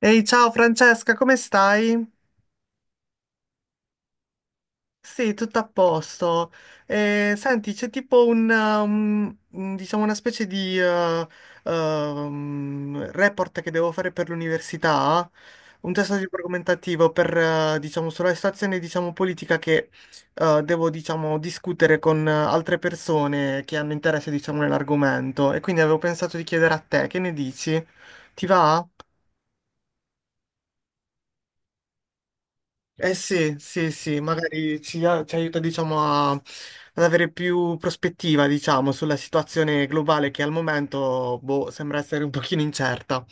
Ehi, ciao Francesca, come stai? Sì, tutto a posto. Senti, c'è tipo diciamo una specie di report che devo fare per l'università, un testo di argomentativo per, diciamo, sulla situazione, diciamo, politica che devo, diciamo, discutere con altre persone che hanno interesse, diciamo, nell'argomento. E quindi avevo pensato di chiedere a te, che ne dici? Ti va? Eh sì, sì, sì, magari ci aiuta, diciamo, ad avere più prospettiva, diciamo, sulla situazione globale che al momento, boh, sembra essere un pochino incerta.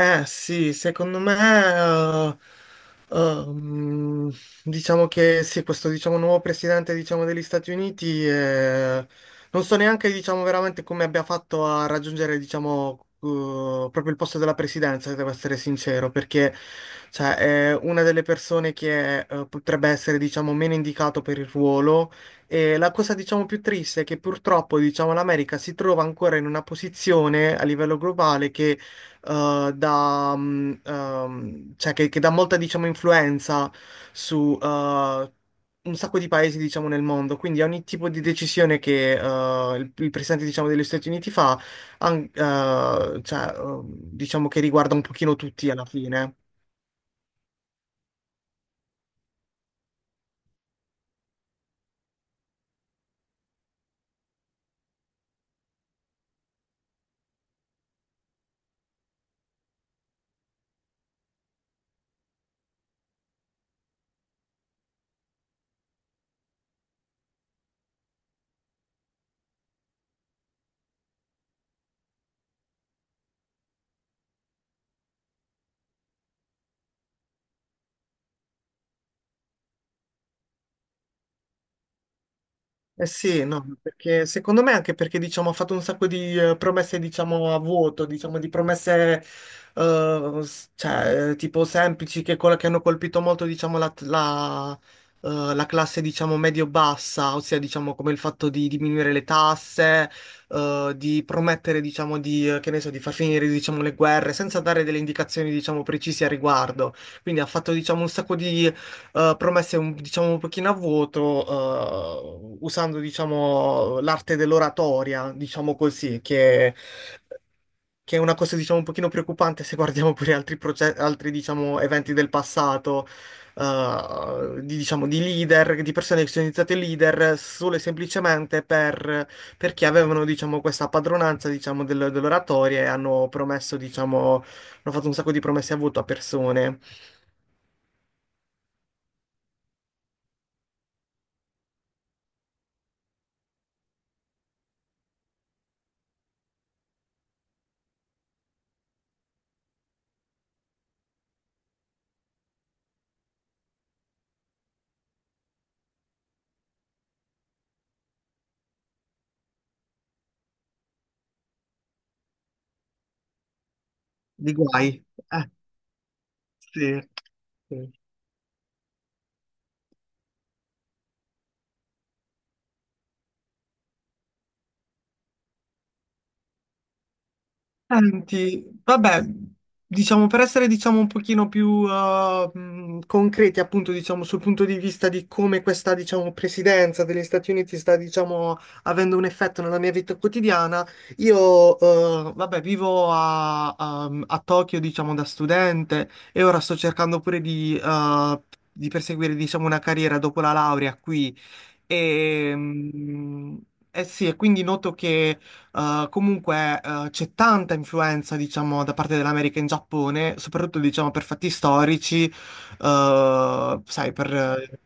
Eh sì, secondo me, eh, ehm, diciamo che sì, questo diciamo, nuovo presidente diciamo, degli Stati Uniti, non so neanche diciamo, veramente come abbia fatto a raggiungere diciamo, proprio il posto della presidenza, se devo essere sincero, perché cioè, è una delle persone che potrebbe essere diciamo, meno indicato per il ruolo. E la cosa, diciamo, più triste è che purtroppo, diciamo, l'America si trova ancora in una posizione a livello globale che cioè che dà molta, diciamo, influenza su un sacco di paesi, diciamo, nel mondo. Quindi ogni tipo di decisione che il presidente, diciamo, degli Stati Uniti fa, cioè, diciamo che riguarda un pochino tutti alla fine. Eh sì, no, perché secondo me anche perché diciamo, ha fatto un sacco di promesse diciamo, a vuoto, diciamo, di promesse cioè, tipo semplici che hanno colpito molto diciamo, la classe diciamo, medio-bassa, ossia diciamo, come il fatto di diminuire le tasse, di promettere diciamo, che ne so, di far finire diciamo, le guerre senza dare delle indicazioni diciamo, precise a riguardo. Quindi ha fatto diciamo, un sacco di promesse diciamo un pochino a vuoto, usando diciamo l'arte dell'oratoria, diciamo così, che è una cosa diciamo un pochino preoccupante se guardiamo pure altri diciamo eventi del passato. Diciamo, di leader, di persone che sono diventate leader solo e semplicemente per, perché avevano, diciamo, questa padronanza, diciamo, dell'oratoria e hanno promesso, diciamo, hanno fatto un sacco di promesse a voto a persone. Di guai. Sì. Sì. Senti, vabbè, diciamo per essere diciamo un pochino più concreti appunto diciamo sul punto di vista di come questa diciamo presidenza degli Stati Uniti sta diciamo avendo un effetto nella mia vita quotidiana, io vabbè vivo a Tokyo diciamo da studente e ora sto cercando pure di perseguire diciamo una carriera dopo la laurea qui e, mm, eh sì, e quindi noto che eh, comunque, c'è tanta influenza, diciamo, da parte dell'America in Giappone, soprattutto, diciamo, per fatti storici, sai, per,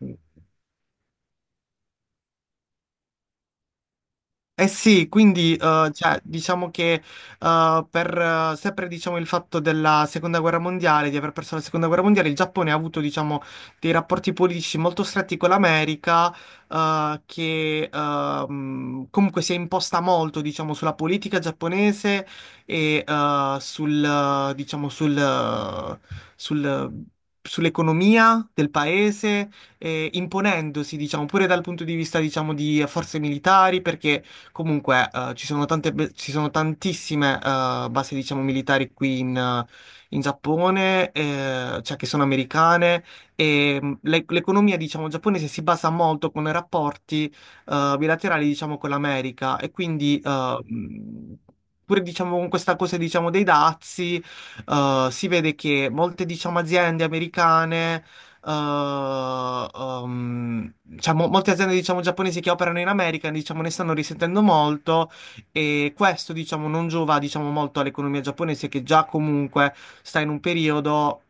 eh sì, quindi cioè, diciamo che per sempre diciamo, il fatto della seconda guerra mondiale, di aver perso la seconda guerra mondiale, il Giappone ha avuto diciamo, dei rapporti politici molto stretti con l'America, che comunque si è imposta molto diciamo, sulla politica giapponese e sul, diciamo, sul, sul- sull'economia del paese imponendosi, diciamo, pure dal punto di vista, diciamo, di forze militari, perché comunque, ci sono tantissime basi, diciamo, militari qui in Giappone, cioè che sono americane, e l'economia, diciamo, giapponese si basa molto con i rapporti bilaterali, diciamo, con l'America, e quindi, pure, diciamo, con questa cosa, diciamo, dei dazi, si vede che molte, diciamo, aziende americane diciamo, molte aziende diciamo, giapponesi che operano in America diciamo, ne stanno risentendo molto e questo diciamo, non giova diciamo, molto all'economia giapponese che già comunque sta in un periodo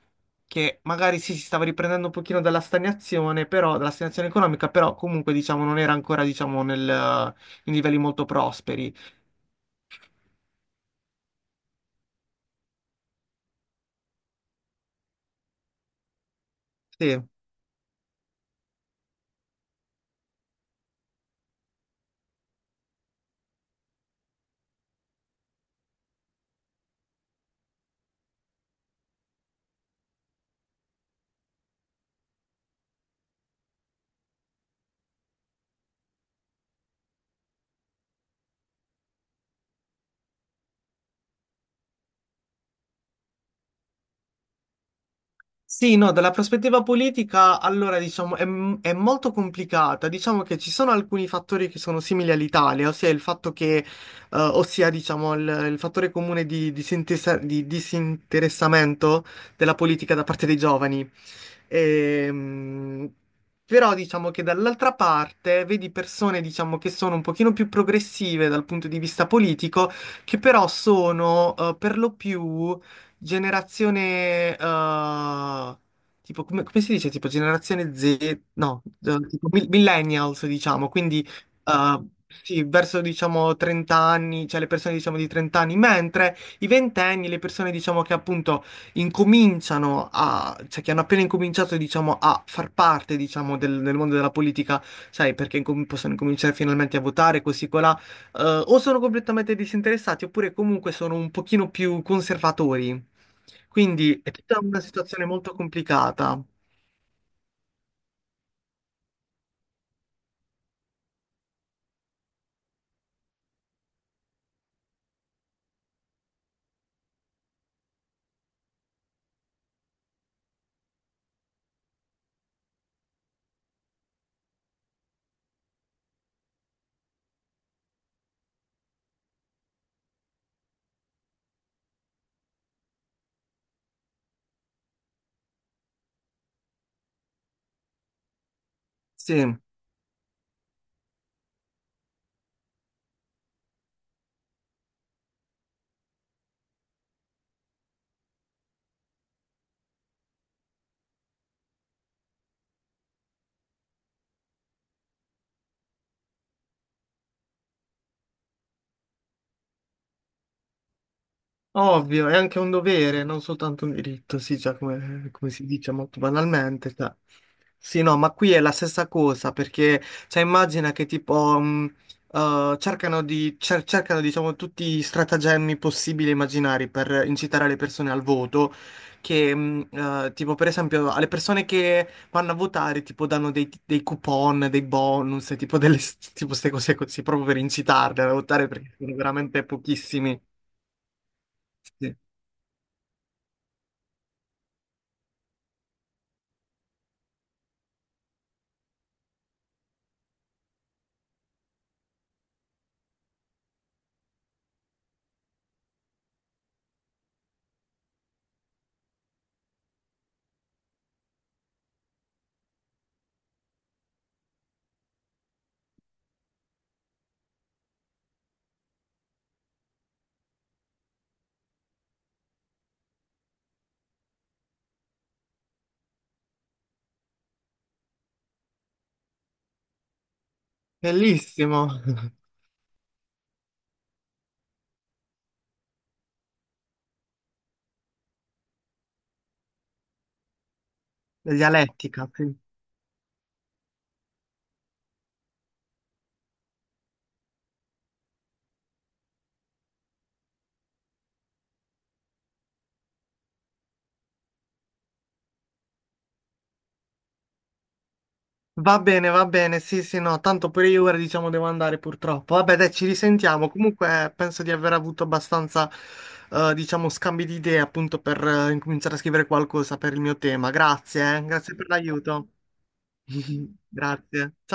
che magari sì, si stava riprendendo un pochino dalla stagnazione, però, dalla stagnazione economica, però comunque diciamo, non era ancora diciamo, in livelli molto prosperi. Sì. Sì, no, dalla prospettiva politica, allora diciamo è molto complicata. Diciamo che ci sono alcuni fattori che sono simili all'Italia, ossia il fatto che, ossia diciamo il fattore comune di di disinteressamento della politica da parte dei giovani. Ehm, però diciamo che dall'altra parte vedi persone, diciamo, che sono un pochino più progressive dal punto di vista politico, che però sono per lo più generazione... tipo, come si dice? Tipo generazione Z, no, tipo millennials, diciamo, quindi eh, sì, verso diciamo 30 anni, cioè le persone diciamo di 30 anni, mentre i ventenni, le persone diciamo che appunto incominciano a, cioè che hanno appena incominciato, diciamo, a far parte, diciamo, del mondo della politica, sai, perché possono incominciare finalmente a votare, così colà, o sono completamente disinteressati, oppure comunque sono un pochino più conservatori. Quindi è tutta una situazione molto complicata. Sì. Ovvio, è anche un dovere, non soltanto un diritto, sì, già come, come si dice molto banalmente. Cioè. Sì, no, ma qui è la stessa cosa, perché, cioè, immagina che tipo, cercano, diciamo, tutti i stratagemmi possibili e immaginari per incitare le persone al voto, che, tipo, per esempio, alle persone che vanno a votare, tipo, danno dei coupon, dei bonus, tipo, queste cose così, proprio per incitarle a votare, perché sono veramente pochissimi. Sì. Bellissimo, la dialettica, sì. Va bene, sì, sì, no, tanto pure io ora diciamo devo andare purtroppo. Vabbè, dai, ci risentiamo. Comunque penso di aver avuto abbastanza, diciamo, scambi di idee appunto per incominciare a scrivere qualcosa per il mio tema. Grazie, grazie per l'aiuto. Grazie. Ciao.